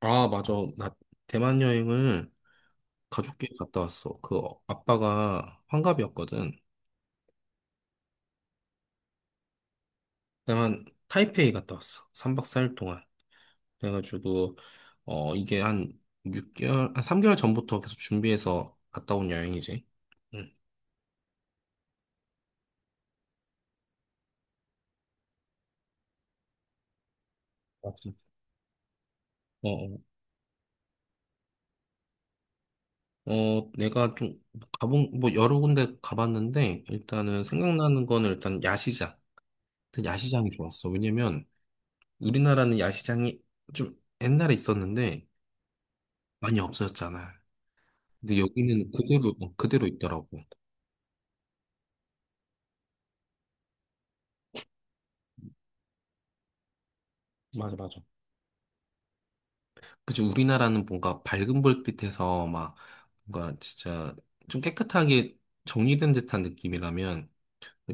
아, 맞아. 나 대만 여행을 가족끼리 갔다 왔어. 아빠가 환갑이었거든. 대만 타이페이 갔다 왔어. 3박 4일 동안. 그래가지고, 이게 한 6개월, 한 3개월 전부터 계속 준비해서 갔다 온 여행이지. 응, 맞지. 어, 어, 내가 좀 뭐 여러 군데 가봤는데, 일단은 생각나는 거는 일단 야시장. 일단 야시장이 좋았어. 왜냐면 우리나라는 야시장이 좀 옛날에 있었는데, 많이 없어졌잖아. 근데 여기는 그대로, 그대로 있더라고. 맞아, 맞아. 그치, 우리나라는 뭔가 밝은 불빛에서 막 뭔가 진짜 좀 깨끗하게 정리된 듯한 느낌이라면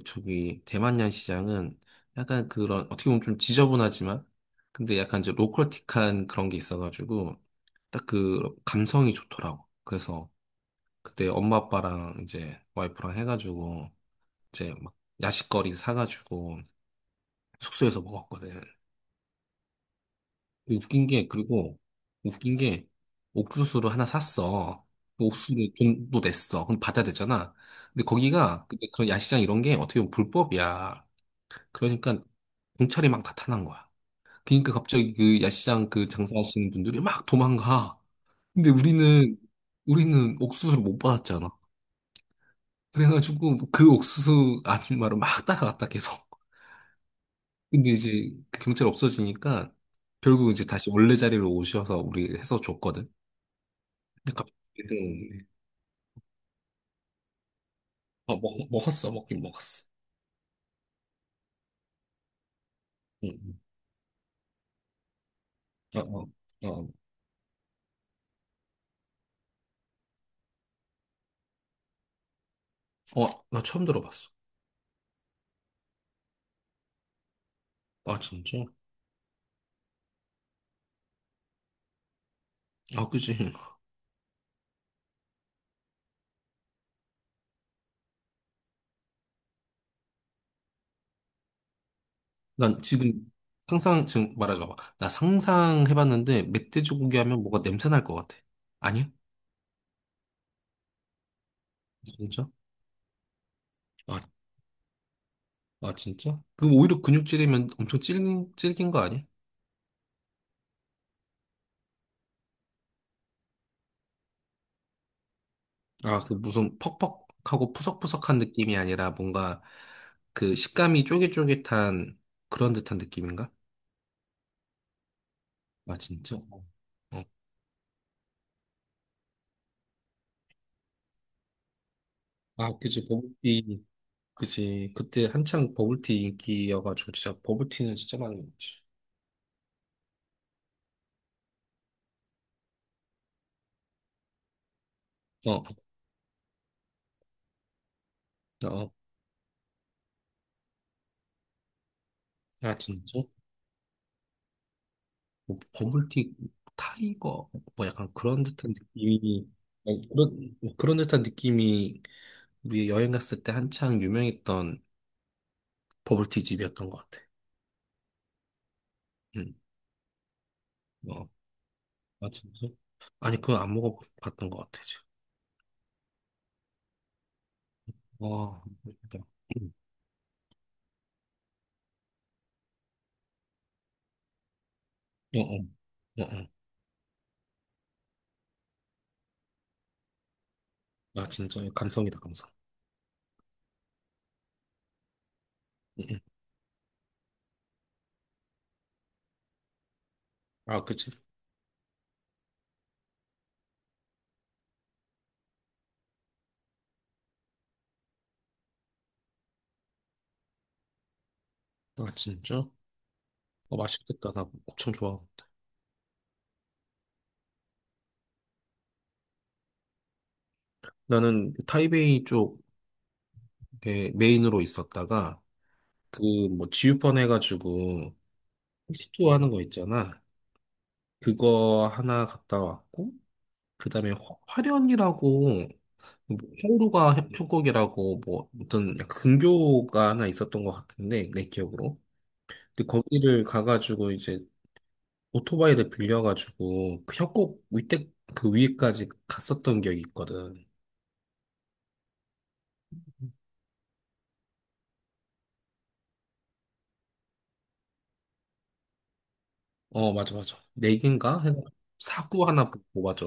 저기 대만양 시장은 약간 그런 어떻게 보면 좀 지저분하지만 근데 약간 이제 로컬틱한 그런 게 있어가지고 딱 그 감성이 좋더라고. 그래서 그때 엄마 아빠랑 이제 와이프랑 해가지고 이제 막 야식거리 사가지고 숙소에서 먹었거든. 그 웃긴 게, 그리고, 웃긴 게, 옥수수를 하나 샀어. 그 옥수수를 돈도 냈어. 그럼 받아야 되잖아. 근데 그런 야시장 이런 게 어떻게 보면 불법이야. 그러니까, 경찰이 막 나타난 거야. 그러니까 갑자기 그 야시장 그 장사하시는 분들이 막 도망가. 근데 우리는, 우리는 옥수수를 못 받았잖아. 그래가지고 그 옥수수 아줌마를 막 따라갔다 계속. 근데 이제 그 경찰 없어지니까 결국 이제 다시 원래 자리로 오셔서 우리 해서 줬거든. 근데 갑자기 생각났네. 어, 먹었어. 먹긴 먹었어. 응. 응. 어, 어, 어. 나 처음 들어봤어. 아, 진짜? 아, 그지. 난 지금 말하지 마봐. 나 상상해봤는데, 멧돼지고기 하면 뭐가 냄새 날 것 같아. 아니야? 진짜? 아, 아, 진짜? 그 오히려 근육질이면 엄청 질긴 거 아니야? 아, 그 무슨 퍽퍽하고 푸석푸석한 느낌이 아니라 뭔가 그 식감이 쫄깃쫄깃한 그런 듯한 느낌인가? 아, 진짜? 어. 아, 그치, 버블티, 그치. 그때 한창 버블티 인기여가지고, 진짜 버블티는 진짜 많이 먹지. 어, 어, 어. 아, 진짜? 뭐, 버블티 타이거, 뭐 약간 그런 듯한 느낌이, 아니, 뭐 그런 듯한 느낌이 우리 여행 갔을 때 한창 유명했던 버블티 집이었던 것 같아. 응, 어, 아, 진짜? 아니, 그건 안 먹어봤던 것 같아, 지금. 와, 어, 어, 어, 어. 아, 진짜, 감성이다, 감성. 음, 음. 아, 그치. 아, 진짜? 맛있겠다. 나 엄청 좋아. 나는 그 타이베이 쪽 이렇게 메인으로 있었다가 그 뭐 지우펀 해가지고 시도 하는 거 있잖아. 그거 하나 갔다 왔고 그다음에 화련이라고 뭐 항로가 협곡이라고 뭐 어떤 약간 근교가 하나 있었던 것 같은데 내 기억으로. 근데 거기를 가가지고 이제 오토바이를 빌려가지고 그 협곡 위에 그 위에까지 갔었던 기억이 있거든. 어, 맞아, 맞아. 네 개인가? 해가 사구 하나 보고, 맞아.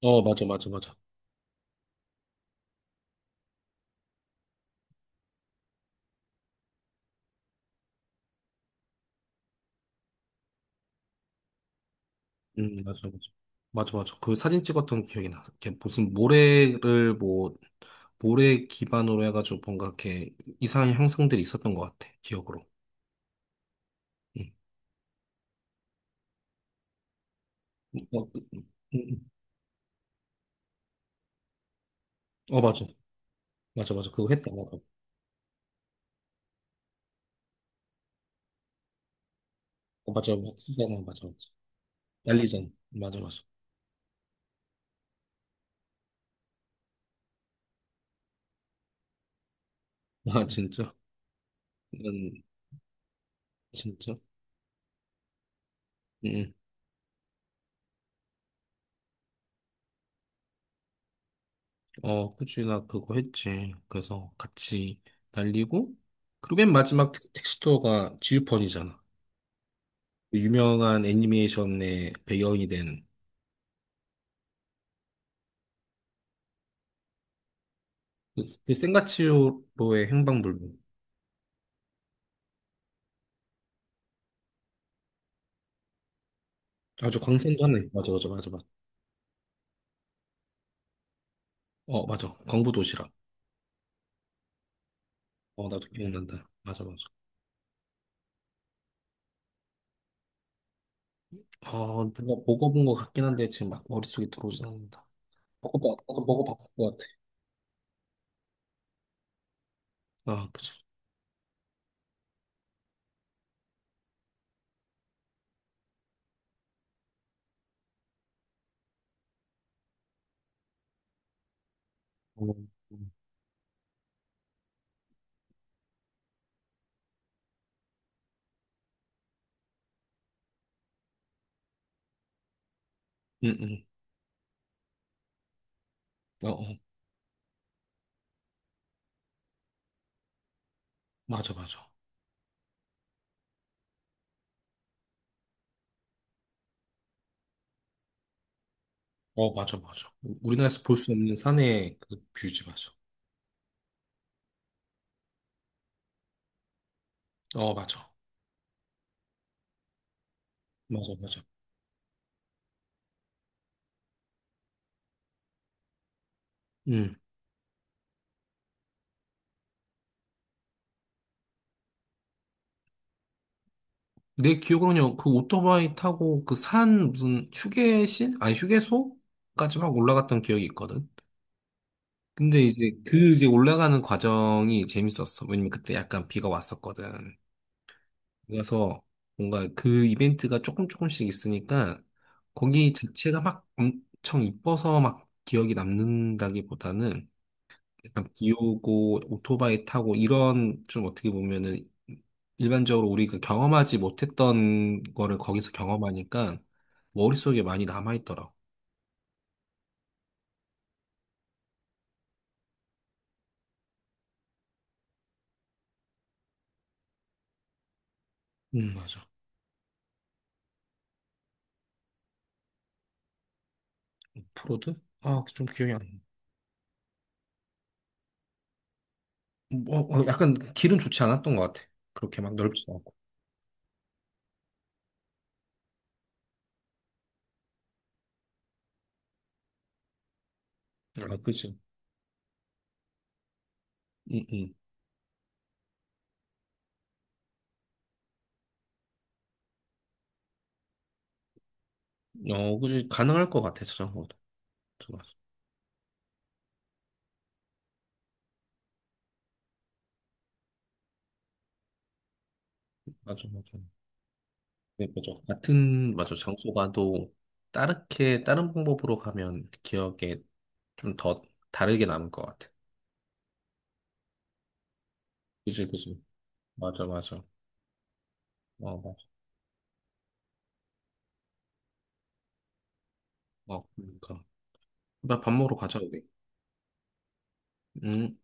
어, 맞아, 맞아, 맞아. 맞아, 맞아. 맞아, 맞아. 그 사진 찍었던 기억이 나. 이렇게 무슨 모래 기반으로 해가지고 뭔가 이렇게 이상한 형상들이 있었던 것 같아. 기억으로. 응. 어, 응, 응. 어, 맞아. 맞아, 맞아. 그거 했다, 맞아. 어, 맞아, 막 쓰잖아, 맞아, 맞아. 날리잖아. 맞아, 맞아. 아, 진짜? 응 진짜? 응. 어, 그치, 나 그거 했지. 그래서 같이 날리고, 그리고 맨 마지막 텍스처가 지우펀이잖아. 그 유명한 애니메이션의 배경이 된그 그그 센가치로의 행방불명. 아주 광선도 하나 맞아, 맞아, 맞아, 맞아. 어, 맞아. 광부도시락. 어, 나도 기억난다. 맞아, 맞아. 뭔가 먹어본 것 같긴 한데 지금 막 머릿속에 들어오진 않는다. 나도 먹어봤을 것 같아. 아, 그치. 어, 응 응 어, 어. 맞아, 맞아. 어, 맞아, 맞아. 우리나라에서 볼 수 없는 산의 그 뷰지, 맞아. 어, 맞아. 맞아, 맞아. 음. 내 기억으로는요, 그 오토바이 타고 그 산 무슨 휴게실? 아니, 휴게소까지 막 올라갔던 기억이 있거든. 근데 이제 그 이제 올라가는 과정이 재밌었어. 왜냐면 그때 약간 비가 왔었거든. 그래서 뭔가 그 이벤트가 조금 조금씩 있으니까 거기 자체가 막 엄청 이뻐서 막 기억이 남는다기보다는 약간 비 오고 오토바이 타고 이런 좀 어떻게 보면은 일반적으로 우리가 경험하지 못했던 거를 거기서 경험하니까 머릿속에 많이 남아있더라고. 맞아. 프로드? 아, 좀 기억이 안 나. 뭐, 약간 길은 좋지 않았던 것 같아. 그렇게 막 넓지 않고. 아, 그지. 응, 응. 어, 그지. 가능할 것 같아, 저런 것도. 맞아, 맞아. 맞아. 네, 맞아. 같은, 맞아. 장소 가도 다르게, 다른 방법으로 가면 기억에 좀 더 다르게 남을 것 같아. 그지, 그지. 맞아, 맞아. 어, 맞아. 그러니까. 나 밥 먹으러 가자, 우리. 응.